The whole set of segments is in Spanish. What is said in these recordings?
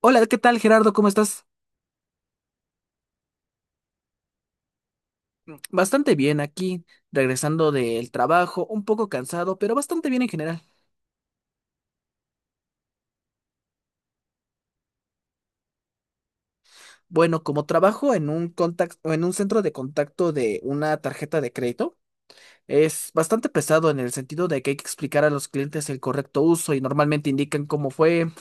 Hola, ¿qué tal Gerardo? ¿Cómo estás? Bastante bien aquí, regresando del trabajo, un poco cansado, pero bastante bien en general. Bueno, como trabajo en un contacto, en un centro de contacto de una tarjeta de crédito, es bastante pesado en el sentido de que hay que explicar a los clientes el correcto uso y normalmente indican cómo fue.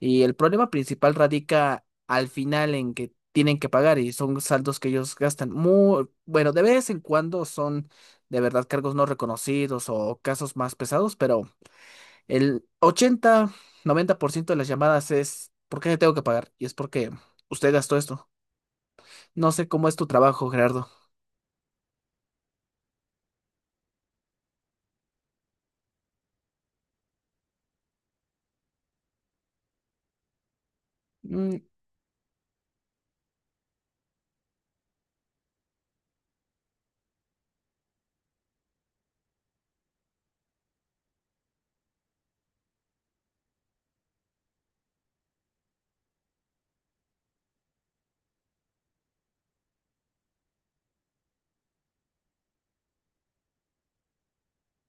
Y el problema principal radica al final en que tienen que pagar y son saldos que ellos gastan muy, bueno, de vez en cuando son de verdad cargos no reconocidos o casos más pesados, pero el 80 90% de las llamadas es ¿por qué le tengo que pagar? Y es porque usted gastó esto. No sé cómo es tu trabajo, Gerardo. Mm,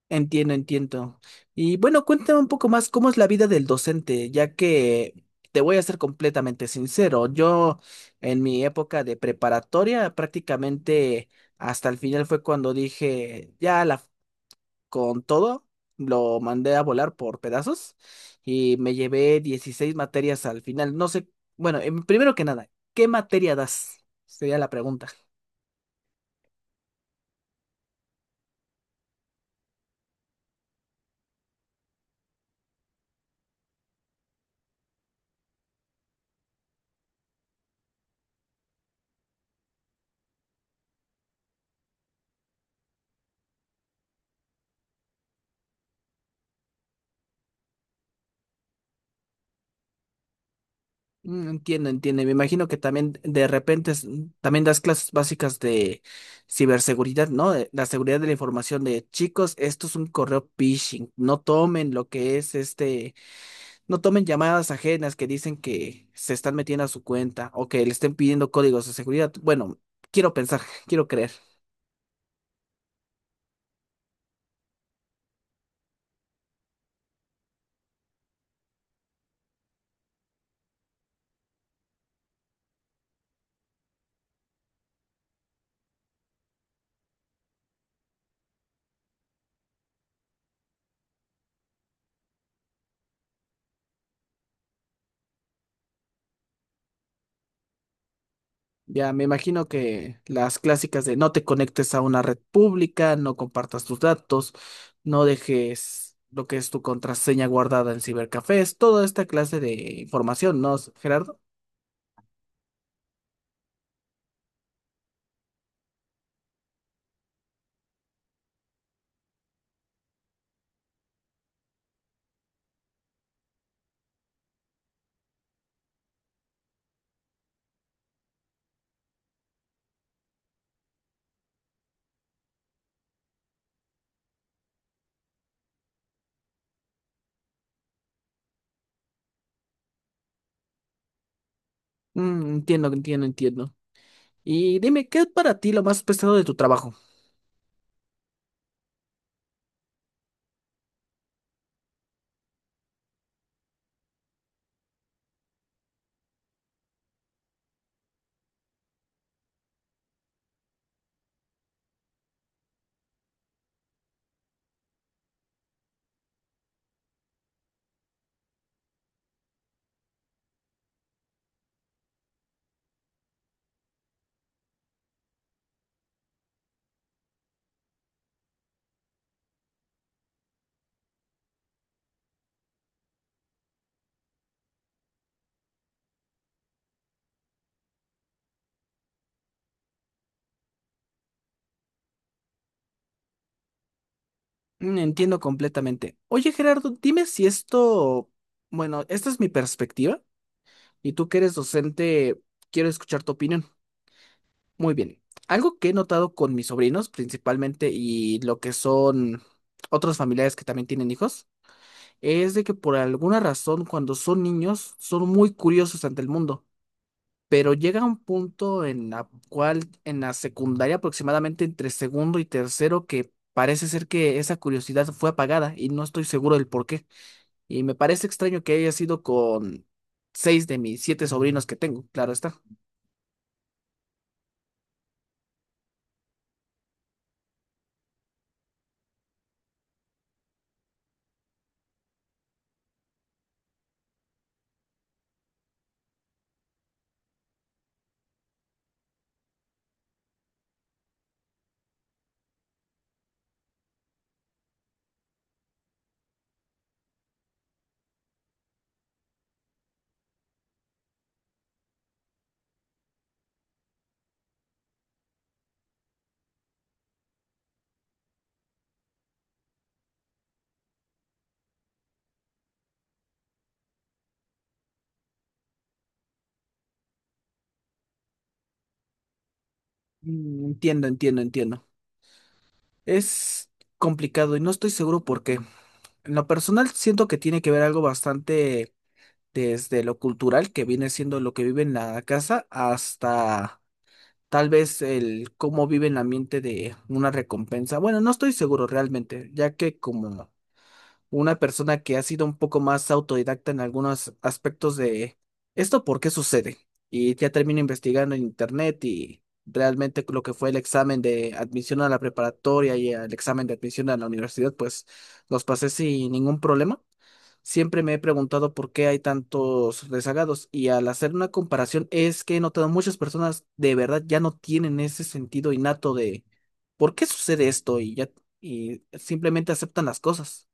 entiendo, entiendo. Y bueno, cuéntame un poco más cómo es la vida del docente, ya que te voy a ser completamente sincero. Yo en mi época de preparatoria prácticamente hasta el final fue cuando dije, ya la con todo, lo mandé a volar por pedazos y me llevé 16 materias al final. No sé, bueno, primero que nada, ¿qué materia das? Sería la pregunta. Mm, entiendo, entiendo. Me imagino que también de repente también das clases básicas de ciberseguridad, ¿no? De la seguridad de la información de chicos, esto es un correo phishing. No tomen lo que es no tomen llamadas ajenas que dicen que se están metiendo a su cuenta o que le estén pidiendo códigos de seguridad. Bueno, quiero pensar, quiero creer. Ya me imagino que las clásicas de no te conectes a una red pública, no compartas tus datos, no dejes lo que es tu contraseña guardada en cibercafés, toda esta clase de información, ¿no, Gerardo? Mm, entiendo, entiendo, entiendo. Y dime, ¿qué es para ti lo más pesado de tu trabajo? Mm, entiendo completamente. Oye, Gerardo, dime si esto, bueno, esta es mi perspectiva y tú que eres docente, quiero escuchar tu opinión. Muy bien. Algo que he notado con mis sobrinos principalmente y lo que son otros familiares que también tienen hijos, es de que por alguna razón cuando son niños son muy curiosos ante el mundo, pero llega un punto en la cual en la secundaria aproximadamente entre segundo y tercero que parece ser que esa curiosidad fue apagada y no estoy seguro del por qué. Y me parece extraño que haya sido con 6 de mis 7 sobrinos que tengo, claro está. Mm, entiendo, entiendo, entiendo. Es complicado y no estoy seguro por qué. En lo personal siento que tiene que ver algo bastante desde lo cultural, que viene siendo lo que vive en la casa, hasta tal vez el cómo vive en la mente de una recompensa. Bueno, no estoy seguro realmente, ya que como una persona que ha sido un poco más autodidacta en algunos aspectos de esto, ¿por qué sucede? Y ya termino investigando en internet y realmente lo que fue el examen de admisión a la preparatoria y el examen de admisión a la universidad, pues los pasé sin ningún problema. Siempre me he preguntado por qué hay tantos rezagados y al hacer una comparación es que he notado muchas personas de verdad ya no tienen ese sentido innato de por qué sucede esto y simplemente aceptan las cosas.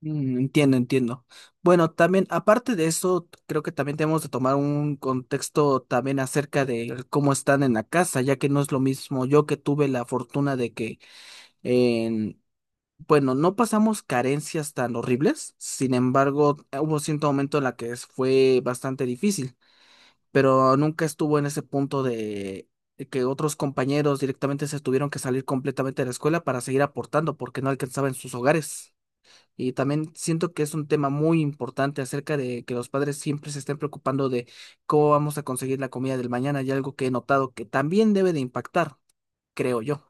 Mm, entiendo, entiendo. Bueno, también, aparte de eso, creo que también tenemos de tomar un contexto también acerca de cómo están en la casa, ya que no es lo mismo yo que tuve la fortuna de que, en, bueno, no pasamos carencias tan horribles, sin embargo, hubo cierto momento en la que fue bastante difícil, pero nunca estuvo en ese punto de que otros compañeros directamente se tuvieron que salir completamente de la escuela para seguir aportando porque no alcanzaban sus hogares. Y también siento que es un tema muy importante acerca de que los padres siempre se estén preocupando de cómo vamos a conseguir la comida del mañana y algo que he notado que también debe de impactar, creo yo.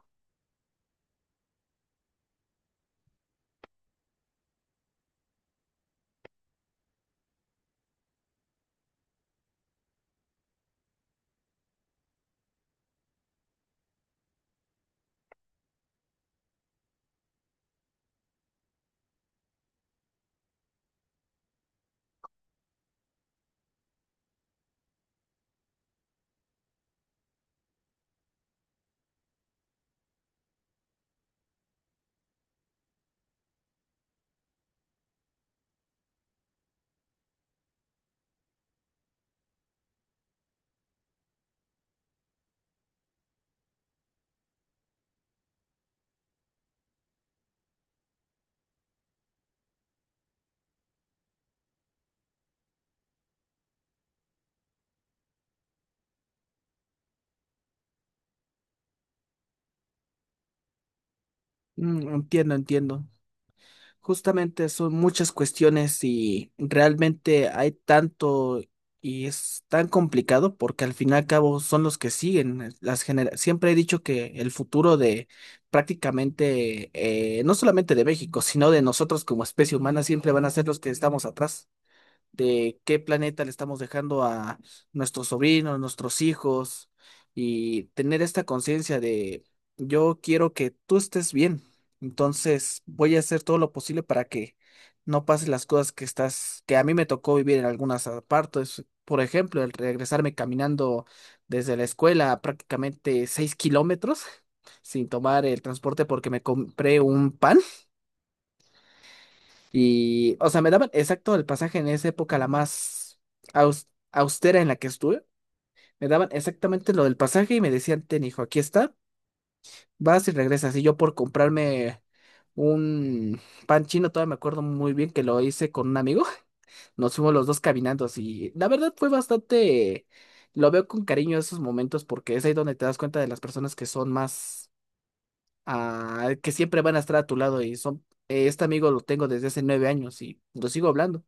Mm, entiendo, entiendo. Justamente son muchas cuestiones y realmente hay tanto y es tan complicado porque al fin y al cabo son los que siguen las generaciones. Siempre he dicho que el futuro de prácticamente, no solamente de México, sino de nosotros como especie humana, siempre van a ser los que estamos atrás. De qué planeta le estamos dejando a nuestros sobrinos, nuestros hijos, y tener esta conciencia de yo quiero que tú estés bien, entonces voy a hacer todo lo posible para que no pasen las cosas que estás, que a mí me tocó vivir en algunas partes. Por ejemplo, el regresarme caminando desde la escuela a prácticamente 6 kilómetros sin tomar el transporte porque me compré un pan. Y, o sea, me daban exacto el pasaje en esa época, la más aus- austera en la que estuve. Me daban exactamente lo del pasaje y me decían, ten hijo, aquí está, vas y regresas. Y yo por comprarme un pan chino, todavía me acuerdo muy bien que lo hice con un amigo. Nos fuimos los dos caminando y la verdad fue bastante, lo veo con cariño esos momentos porque es ahí donde te das cuenta de las personas que son más, que siempre van a estar a tu lado y son, este amigo lo tengo desde hace 9 años y lo sigo hablando.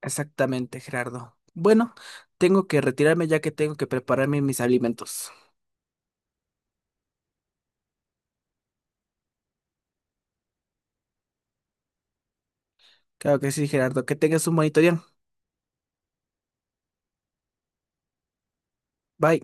Exactamente, Gerardo. Bueno, tengo que retirarme ya que tengo que prepararme mis alimentos. Claro que sí, Gerardo. Que tengas un bonito día. Bye.